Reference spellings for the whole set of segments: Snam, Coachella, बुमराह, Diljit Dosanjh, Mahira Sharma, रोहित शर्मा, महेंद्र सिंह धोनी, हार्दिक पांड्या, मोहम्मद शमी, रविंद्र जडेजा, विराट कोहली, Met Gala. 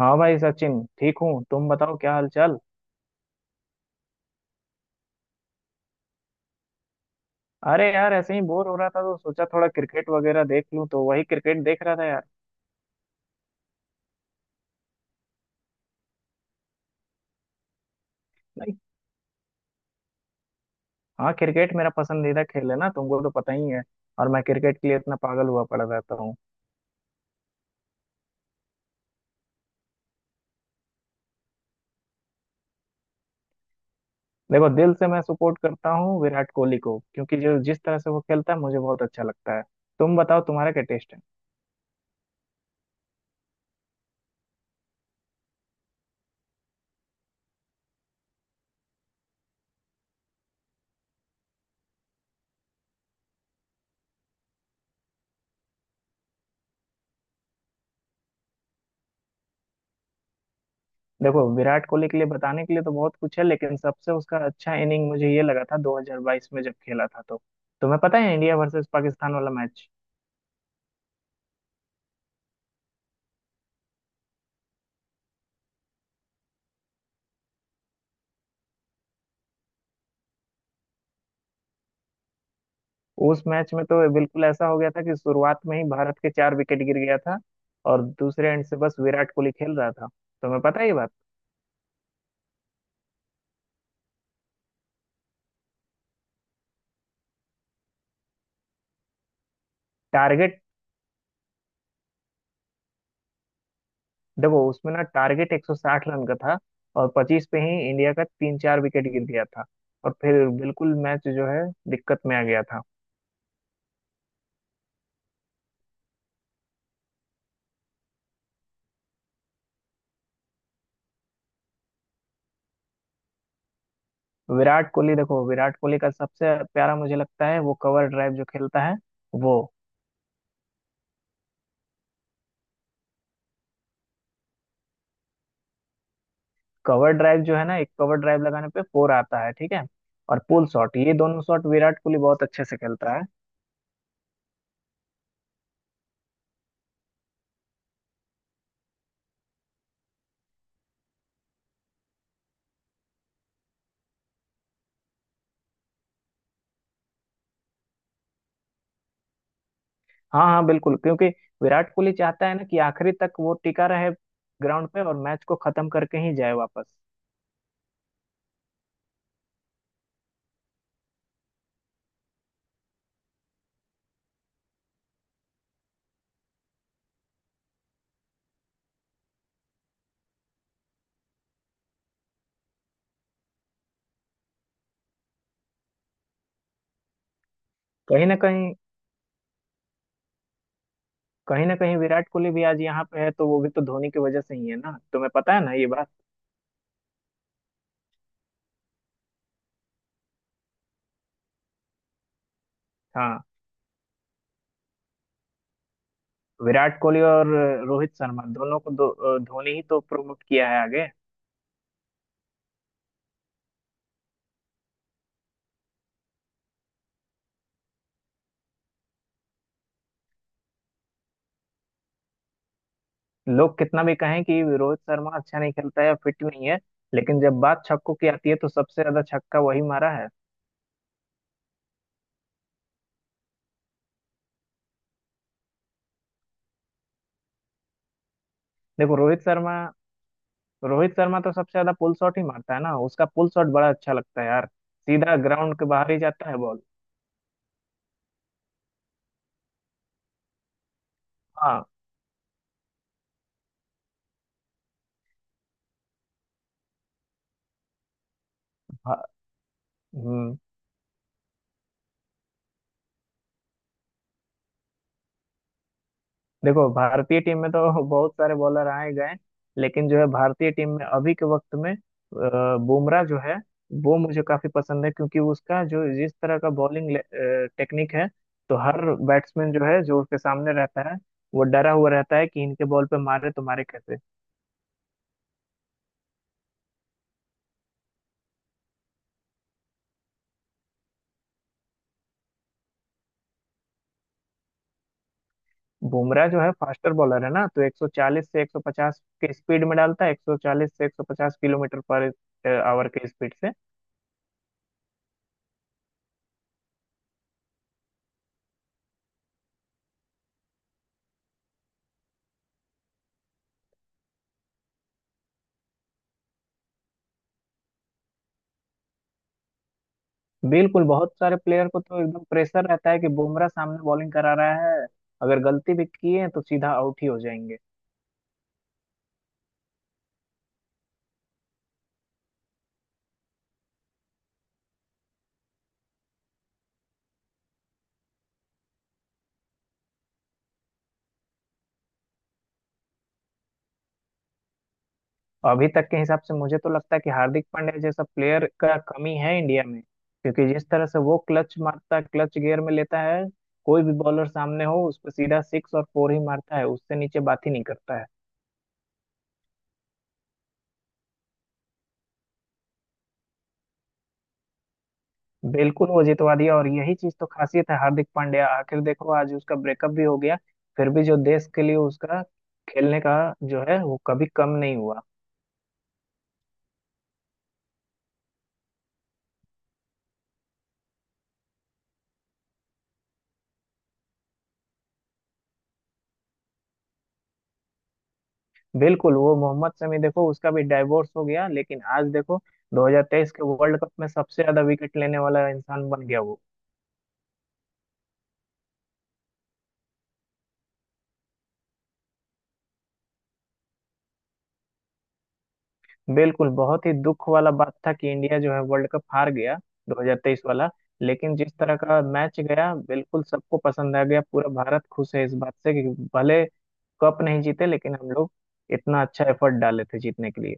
हाँ भाई सचिन, ठीक हूँ। तुम बताओ क्या हाल चाल। अरे यार ऐसे ही बोर हो रहा था तो सोचा थोड़ा क्रिकेट वगैरह देख लूँ, तो वही क्रिकेट देख रहा था यार। नहीं। हाँ, क्रिकेट मेरा पसंदीदा खेल है ना, तुमको तो पता ही है। और मैं क्रिकेट के लिए इतना पागल हुआ पड़ा रहता हूँ। देखो, दिल से मैं सपोर्ट करता हूँ विराट कोहली को, क्योंकि जो जिस तरह से वो खेलता है मुझे बहुत अच्छा लगता है। तुम बताओ तुम्हारा क्या टेस्ट है। देखो विराट कोहली के लिए बताने के लिए तो बहुत कुछ है, लेकिन सबसे उसका अच्छा इनिंग मुझे ये लगा था 2022 में जब खेला था तो। तुम्हें पता है इंडिया वर्सेस पाकिस्तान वाला मैच। उस मैच में तो बिल्कुल ऐसा हो गया था कि शुरुआत में ही भारत के चार विकेट गिर गया था। और दूसरे एंड से बस विराट कोहली खेल रहा था। तुम्हें पता है ये बात। टारगेट। देखो उसमें ना टारगेट 160 रन का था, और 25 पे ही इंडिया का तीन चार विकेट गिर गया था, और फिर बिल्कुल मैच जो है दिक्कत में आ गया था। विराट कोहली, देखो विराट कोहली का सबसे प्यारा मुझे लगता है वो कवर ड्राइव जो खेलता है वो। कवर ड्राइव जो है ना, एक कवर ड्राइव लगाने पे फोर आता है, ठीक है। और पुल शॉट, ये दोनों शॉट विराट कोहली बहुत अच्छे से खेलता है। हाँ हाँ बिल्कुल, क्योंकि विराट कोहली चाहता है ना कि आखिरी तक वो टिका रहे ग्राउंड पे, और मैच को खत्म करके ही जाए वापस। कहीं ना कहीं कहीं ना कहीं, विराट कोहली भी आज यहाँ पे है तो वो भी तो धोनी की वजह से ही है ना, तुम्हें पता है ना ये बात। हाँ, विराट कोहली और रोहित शर्मा दोनों को धोनी ही तो प्रमोट किया है आगे। लोग कितना भी कहें कि रोहित शर्मा अच्छा नहीं खेलता है, फिट नहीं है, लेकिन जब बात छक्कों की आती है तो सबसे ज्यादा छक्का वही मारा है। देखो रोहित शर्मा, तो सबसे ज्यादा पुल शॉट ही मारता है ना। उसका पुल शॉट बड़ा अच्छा लगता है यार, सीधा ग्राउंड के बाहर ही जाता है बॉल। हाँ। भा- हम्म। देखो भारतीय टीम में तो बहुत सारे बॉलर आए गए, लेकिन जो है भारतीय टीम में अभी के वक्त में बुमराह जो है वो मुझे काफी पसंद है, क्योंकि उसका जो जिस तरह का बॉलिंग टेक्निक है तो हर बैट्समैन जो है जो उसके सामने रहता है वो डरा हुआ रहता है कि इनके बॉल पे मारे तो मारे कैसे। बुमराह जो है फास्टर बॉलर है ना, तो 140 से 150 के स्पीड में डालता है, 140 से 150 किलोमीटर पर आवर के स्पीड से। बिल्कुल, बहुत सारे प्लेयर को तो एकदम प्रेशर रहता है कि बुमराह सामने बॉलिंग करा रहा है, अगर गलती भी किए हैं तो सीधा आउट ही हो जाएंगे। अभी तक के हिसाब से मुझे तो लगता है कि हार्दिक पांड्या जैसा प्लेयर का कमी है इंडिया में, क्योंकि जिस तरह से वो क्लच मारता है, क्लच गियर में लेता है, कोई भी बॉलर सामने हो उस पर सीधा सिक्स और फोर ही मारता है, उससे नीचे बात ही नहीं करता है। बिल्कुल वो जितवा दिया, और यही चीज तो खासियत है हार्दिक पांड्या। आखिर देखो आज उसका ब्रेकअप भी हो गया, फिर भी जो देश के लिए उसका खेलने का जो है वो कभी कम नहीं हुआ। बिल्कुल, वो मोहम्मद शमी, देखो उसका भी डाइवोर्स हो गया, लेकिन आज देखो 2023 के वर्ल्ड कप में सबसे ज्यादा विकेट लेने वाला इंसान बन गया वो। बिल्कुल, बहुत ही दुख वाला बात था कि इंडिया जो है वर्ल्ड कप हार गया 2023 वाला, लेकिन जिस तरह का मैच गया बिल्कुल सबको पसंद आ गया। पूरा भारत खुश है इस बात से कि भले कप नहीं जीते, लेकिन हम लोग इतना अच्छा एफर्ट डाले थे जीतने के लिए।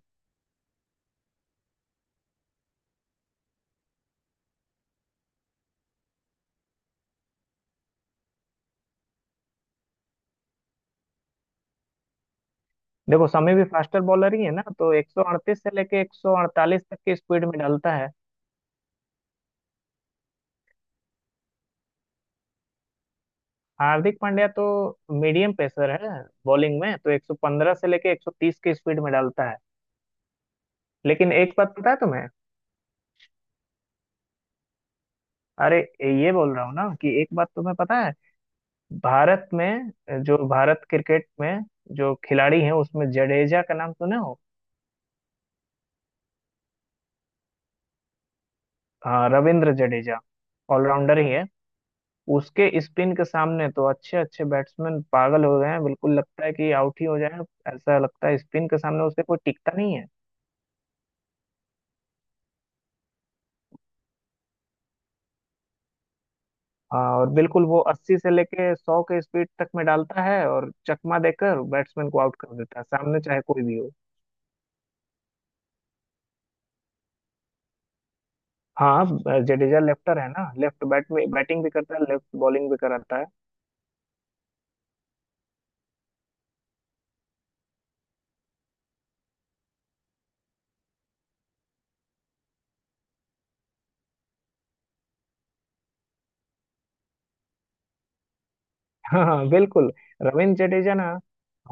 देखो समय भी फास्टर बॉलर ही है ना, तो 138 से लेके 148 तक की स्पीड में डालता है। हार्दिक पांड्या तो मीडियम पेसर है, बॉलिंग में तो 115 से लेके 130 की स्पीड में डालता है। लेकिन एक बात पता है तुम्हें। अरे, ये बोल रहा हूँ ना कि एक बात तुम्हें पता है। भारत में, जो भारत क्रिकेट में जो खिलाड़ी हैं उसमें जडेजा का नाम सुने हो। हाँ, रविंद्र जडेजा। ऑलराउंडर ही है। उसके स्पिन के सामने तो अच्छे अच्छे बैट्समैन पागल हो गए हैं, बिल्कुल लगता है कि आउट ही हो जाए। ऐसा लगता है स्पिन के सामने उससे कोई टिकता नहीं है। हाँ, और बिल्कुल वो 80 से लेके 100 के स्पीड तक में डालता है, और चकमा देकर बैट्समैन को आउट कर देता है, सामने चाहे कोई भी हो। हाँ, जडेजा लेफ्टर है ना, लेफ्ट बैट में बैटिंग भी करता है, लेफ्ट बॉलिंग भी कराता है। हाँ हाँ, बिल्कुल। रविंद्र जडेजा ना,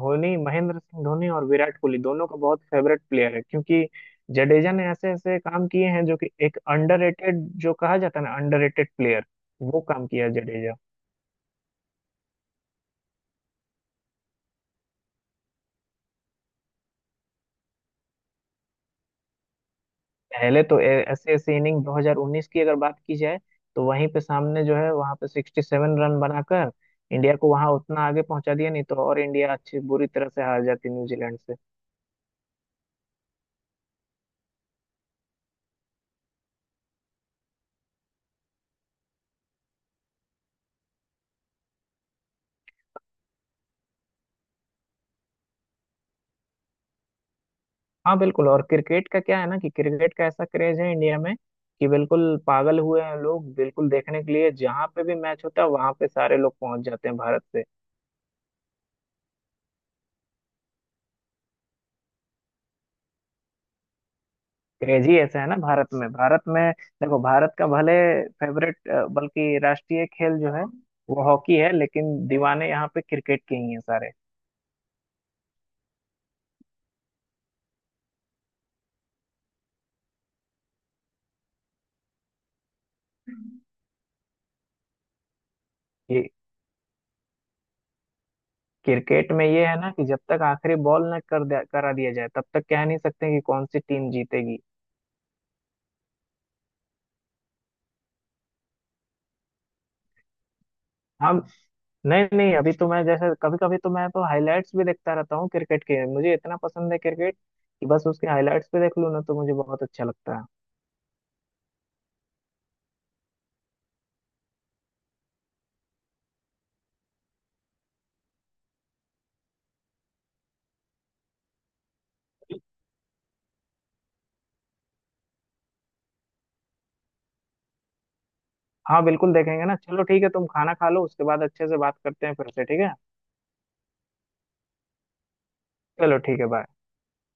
धोनी, महेंद्र सिंह धोनी और विराट कोहली दोनों का बहुत फेवरेट प्लेयर है, क्योंकि जडेजा ने ऐसे ऐसे काम किए हैं, जो कि एक अंडररेटेड, जो कहा जाता है ना, अंडररेटेड प्लेयर, वो काम किया है जडेजा। पहले तो ऐसे ऐसे इनिंग 2019 की अगर बात की जाए, तो वहीं पे सामने जो है वहां पे 67 रन बनाकर इंडिया को वहां उतना आगे पहुंचा दिया, नहीं तो और इंडिया अच्छी बुरी तरह से हार जाती न्यूजीलैंड। हाँ बिल्कुल, और क्रिकेट का क्या है ना कि क्रिकेट का ऐसा क्रेज है इंडिया में, कि बिल्कुल पागल हुए हैं लोग, बिल्कुल देखने के लिए जहाँ पे भी मैच होता है वहां पे सारे लोग पहुंच जाते हैं भारत से। क्रेज ही ऐसा है ना भारत में। भारत में देखो भारत का भले फेवरेट, बल्कि राष्ट्रीय खेल जो है वो हॉकी है, लेकिन दीवाने यहाँ पे क्रिकेट के ही हैं सारे। ये क्रिकेट में ये है ना कि जब तक आखिरी बॉल न करा दिया जाए तब तक कह नहीं सकते कि कौन सी टीम जीतेगी। हाँ। नहीं नहीं, अभी तो मैं जैसे कभी कभी तो मैं तो हाइलाइट्स भी देखता रहता हूँ क्रिकेट के। मुझे इतना पसंद है क्रिकेट कि बस उसके हाइलाइट्स भी देख लूँ ना तो मुझे बहुत अच्छा लगता है। हाँ बिल्कुल देखेंगे ना। चलो ठीक है, तुम खाना खा लो उसके बाद अच्छे से बात करते हैं फिर से, ठीक है। चलो ठीक है, बाय।